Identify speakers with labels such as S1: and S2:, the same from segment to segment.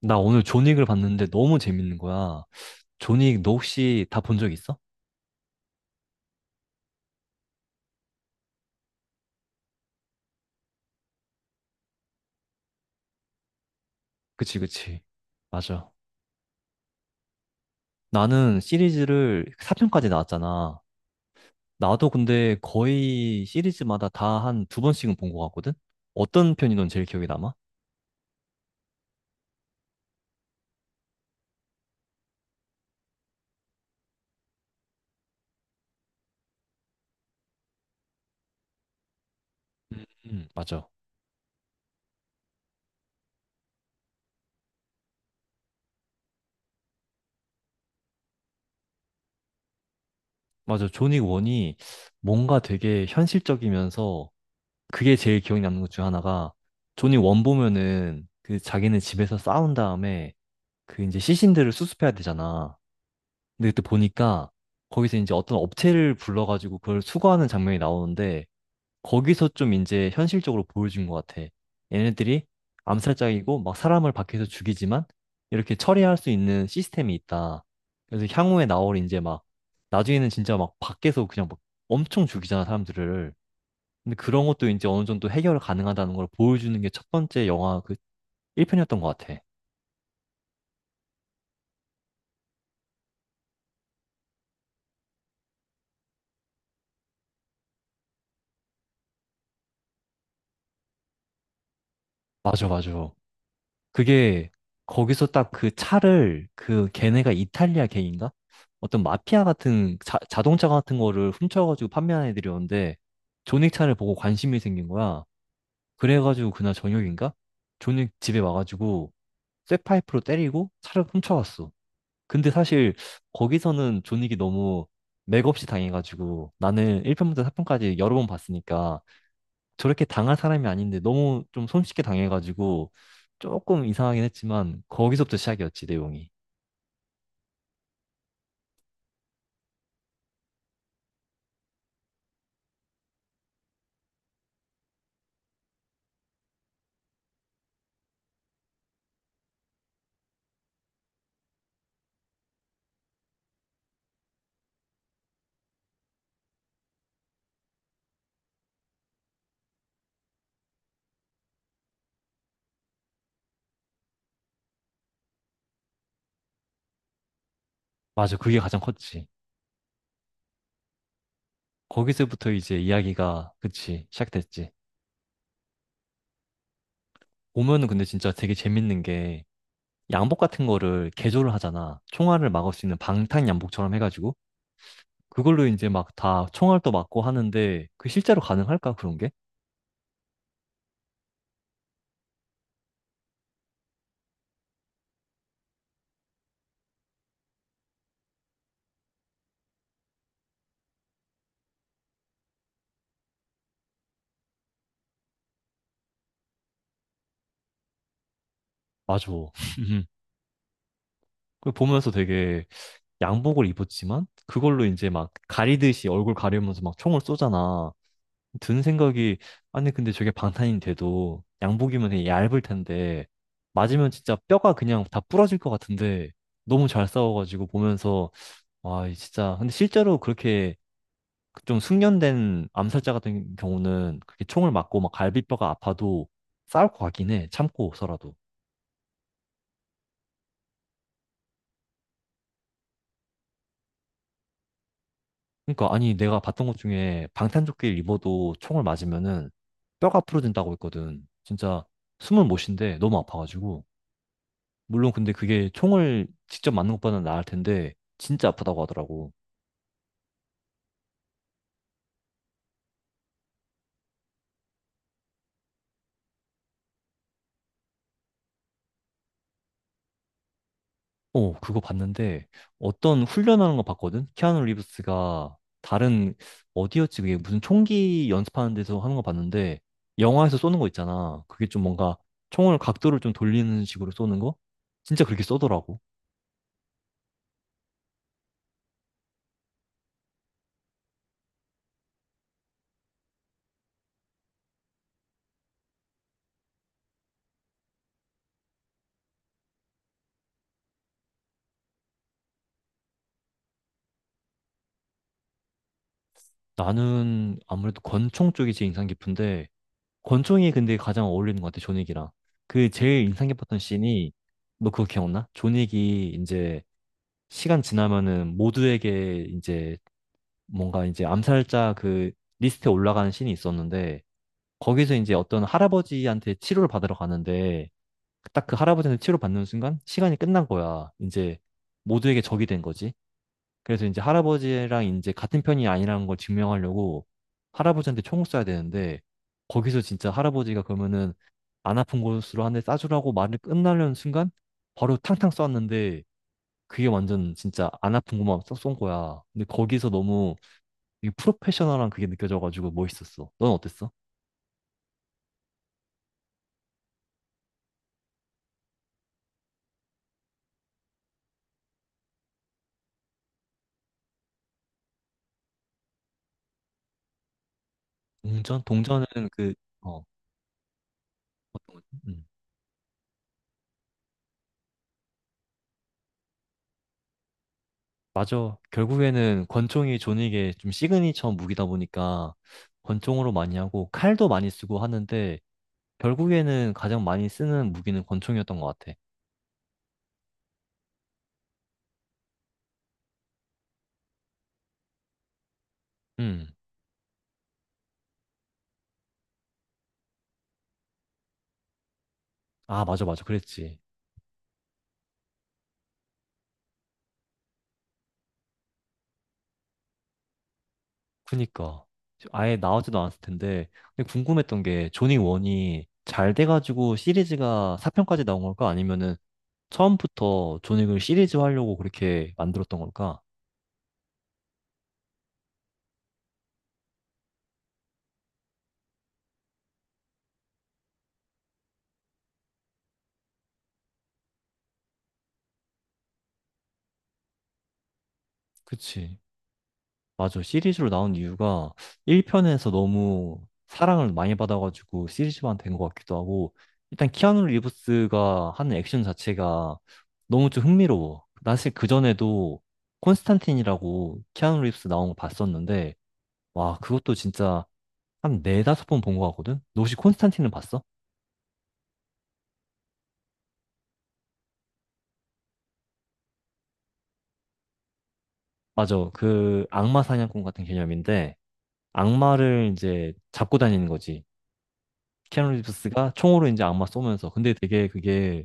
S1: 나 오늘 존윅을 봤는데 너무 재밌는 거야. 존윅 너 혹시 다 본 적 있어? 그치, 그치. 맞아. 나는 시리즈를 4편까지 나왔잖아. 나도 근데 거의 시리즈마다 다 한 두 번씩은 본 것 같거든? 어떤 편이 넌 제일 기억에 남아? 맞아. 맞아. 존윅 1이 뭔가 되게 현실적이면서 그게 제일 기억에 남는 것 중 하나가 존윅 1 보면은 그 자기는 집에서 싸운 다음에 그 이제 시신들을 수습해야 되잖아. 근데 그때 보니까 거기서 이제 어떤 업체를 불러가지고 그걸 수거하는 장면이 나오는데 거기서 좀 이제 현실적으로 보여준 것 같아. 얘네들이 암살자이고 막 사람을 밖에서 죽이지만 이렇게 처리할 수 있는 시스템이 있다. 그래서 향후에 나올 이제 막 나중에는 진짜 막 밖에서 그냥 막 엄청 죽이잖아 사람들을. 근데 그런 것도 이제 어느 정도 해결 가능하다는 걸 보여주는 게 첫 번째 영화 그 1편이었던 것 같아. 맞아, 맞아. 그게 거기서 딱 그 차를 그 걔네가 이탈리아 걔인가? 어떤 마피아 같은 자동차 같은 거를 훔쳐가지고 판매하는 애들이었는데 존윅 차를 보고 관심이 생긴 거야. 그래가지고 그날 저녁인가? 존윅 집에 와가지고 쇠파이프로 때리고 차를 훔쳐갔어. 근데 사실 거기서는 존윅이 너무 맥없이 당해가지고 나는 1편부터 4편까지 여러 번 봤으니까 저렇게 당할 사람이 아닌데 너무 좀 손쉽게 당해가지고 조금 이상하긴 했지만 거기서부터 시작이었지 내용이. 맞아. 그게 가장 컸지. 거기서부터 이제 이야기가 그치 시작됐지. 보면은 근데 진짜 되게 재밌는 게 양복 같은 거를 개조를 하잖아. 총알을 막을 수 있는 방탄 양복처럼 해가지고 그걸로 이제 막 다 총알도 막고 하는데 그 실제로 가능할까 그런 게? 맞아. 그 보면서 되게 양복을 입었지만 그걸로 이제 막 가리듯이 얼굴 가리면서 막 총을 쏘잖아. 든 생각이 아니 근데 저게 방탄이 돼도 양복이면 되게 얇을 텐데 맞으면 진짜 뼈가 그냥 다 부러질 것 같은데 너무 잘 싸워가지고 보면서 와이 진짜 근데 실제로 그렇게 좀 숙련된 암살자 같은 경우는 그렇게 총을 맞고 막 갈비뼈가 아파도 싸울 것 같긴 해 참고서라도. 그러니까 아니 내가 봤던 것 중에 방탄조끼를 입어도 총을 맞으면은 뼈가 부러진다고 했거든. 진짜 숨을 못 쉰대. 너무 아파가지고. 물론 근데 그게 총을 직접 맞는 것보다는 나을 텐데 진짜 아프다고 하더라고. 어, 그거 봤는데 어떤 훈련하는 거 봤거든? 키아누 리브스가 다른 어디였지? 그게 무슨 총기 연습하는 데서 하는 거 봤는데 영화에서 쏘는 거 있잖아. 그게 좀 뭔가 총을 각도를 좀 돌리는 식으로 쏘는 거? 진짜 그렇게 쏘더라고. 나는 아무래도 권총 쪽이 제일 인상 깊은데 권총이 근데 가장 어울리는 것 같아, 존윅이랑. 그 제일 인상 깊었던 씬이 너 그거 기억나? 존윅이 이제 시간 지나면은 모두에게 이제 뭔가 이제 암살자 그 리스트에 올라가는 신이 있었는데 거기서 이제 어떤 할아버지한테 치료를 받으러 가는데 딱 그 할아버지한테 치료 받는 순간 시간이 끝난 거야. 이제 모두에게 적이 된 거지. 그래서 이제 할아버지랑 이제 같은 편이 아니라는 걸 증명하려고 할아버지한테 총을 쏴야 되는데 거기서 진짜 할아버지가 그러면은 안 아픈 곳으로 한 대 쏴주라고 말을 끝나려는 순간 바로 탕탕 쐈는데 그게 완전 진짜 안 아픈 것만 쏙 쏜 거야. 근데 거기서 너무 되게 프로페셔널한 그게 느껴져가지고 멋있었어. 넌 어땠어? 동전? 동전은 그, 어, 음. 맞아. 결국에는 권총이 존윅의 좀 시그니처 무기다 보니까 권총으로 많이 하고 칼도 많이 쓰고 하는데 결국에는 가장 많이 쓰는 무기는 권총이었던 것 같아. 음. 아, 맞아, 맞아. 그랬지. 그니까 아예 나오지도 않았을 텐데 근데 궁금했던 게 조니 원이 잘 돼가지고 시리즈가 4편까지 나온 걸까? 아니면은 처음부터 조닉을 시리즈 하려고 그렇게 만들었던 걸까? 그치. 맞아. 시리즈로 나온 이유가 1편에서 너무 사랑을 많이 받아가지고 시리즈만 된 것 같기도 하고 일단 키아누 리브스가 하는 액션 자체가 너무 좀 흥미로워. 나 사실 그전에도 콘스탄틴이라고 키아누 리브스 나온 거 봤었는데 와, 그것도 진짜 한 네다섯 번 본 것 같거든? 너 혹시 콘스탄틴은 봤어? 맞아. 그 악마 사냥꾼 같은 개념인데, 악마를 이제 잡고 다니는 거지. 키아누 리브스가 총으로 이제 악마 쏘면서. 근데 되게 그게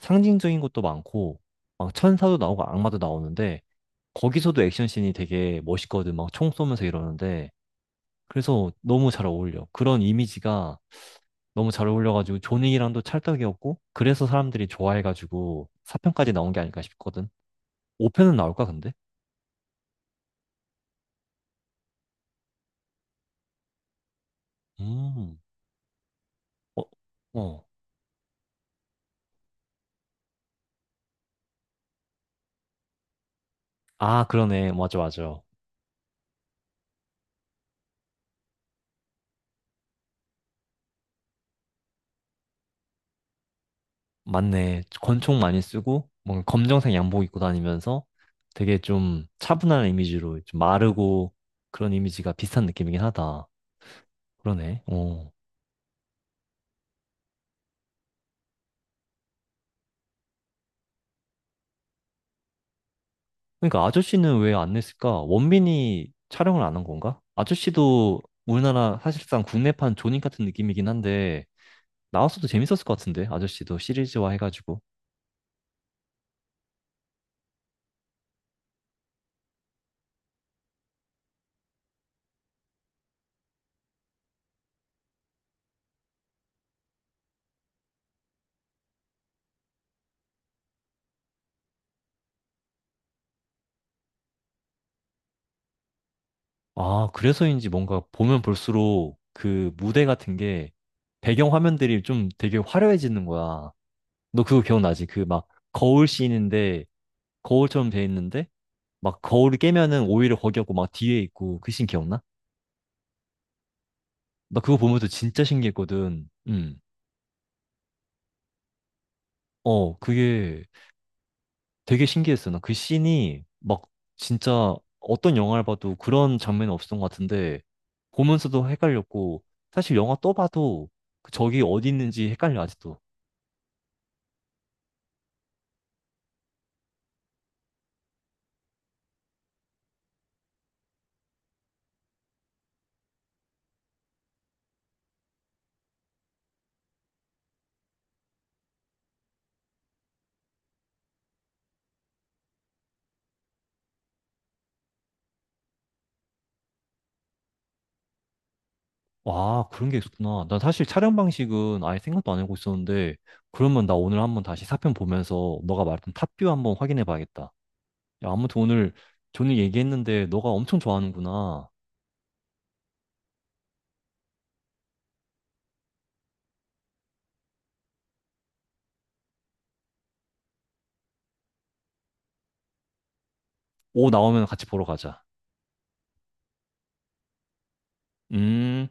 S1: 상징적인 것도 많고, 막 천사도 나오고 악마도 나오는데, 거기서도 액션씬이 되게 멋있거든. 막 총 쏘면서 이러는데. 그래서 너무 잘 어울려. 그런 이미지가 너무 잘 어울려가지고 조닉이랑도 찰떡이었고, 그래서 사람들이 좋아해가지고 4편까지 나온 게 아닐까 싶거든. 5편은 나올까, 근데? 음, 어, 어. 아, 그러네. 맞아, 맞아. 맞네. 권총 많이 쓰고, 뭔가 검정색 양복 입고 다니면서 되게 좀 차분한 이미지로 좀 마르고 그런 이미지가 비슷한 느낌이긴 하다. 그러네. 어. 그러니까 아저씨는 왜 안 냈을까? 원빈이 촬영을 안 한 건가? 아저씨도 우리나라 사실상 국내판 존윅 같은 느낌이긴 한데, 나왔어도 재밌었을 것 같은데, 아저씨도 시리즈화 해가지고. 아, 그래서인지 뭔가 보면 볼수록 그 무대 같은 게 배경 화면들이 좀 되게 화려해지는 거야. 너 그거 기억나지? 그 막 거울 씬인데 거울처럼 돼 있는데 막 거울을 깨면은 오히려 거기 없고 막 뒤에 있고 그씬 기억나? 나 그거 보면서 진짜 신기했거든. 음. 어, 그게 되게 신기했어. 나 그 씬이 막 진짜 어떤 영화를 봐도 그런 장면이 없었던 것 같은데 보면서도 헷갈렸고 사실 영화 또 봐도 그기 어디 있는지 헷갈려 아직도. 와, 그런 게 있었구나. 난 사실 촬영 방식은 아예 생각도 안 하고 있었는데 그러면 나 오늘 한번 다시 4편 보면서 너가 말했던 탑뷰 한번 확인해 봐야겠다. 야, 아무튼 오늘 존이 얘기했는데 너가 엄청 좋아하는구나. 오 나오면 같이 보러 가자. 음.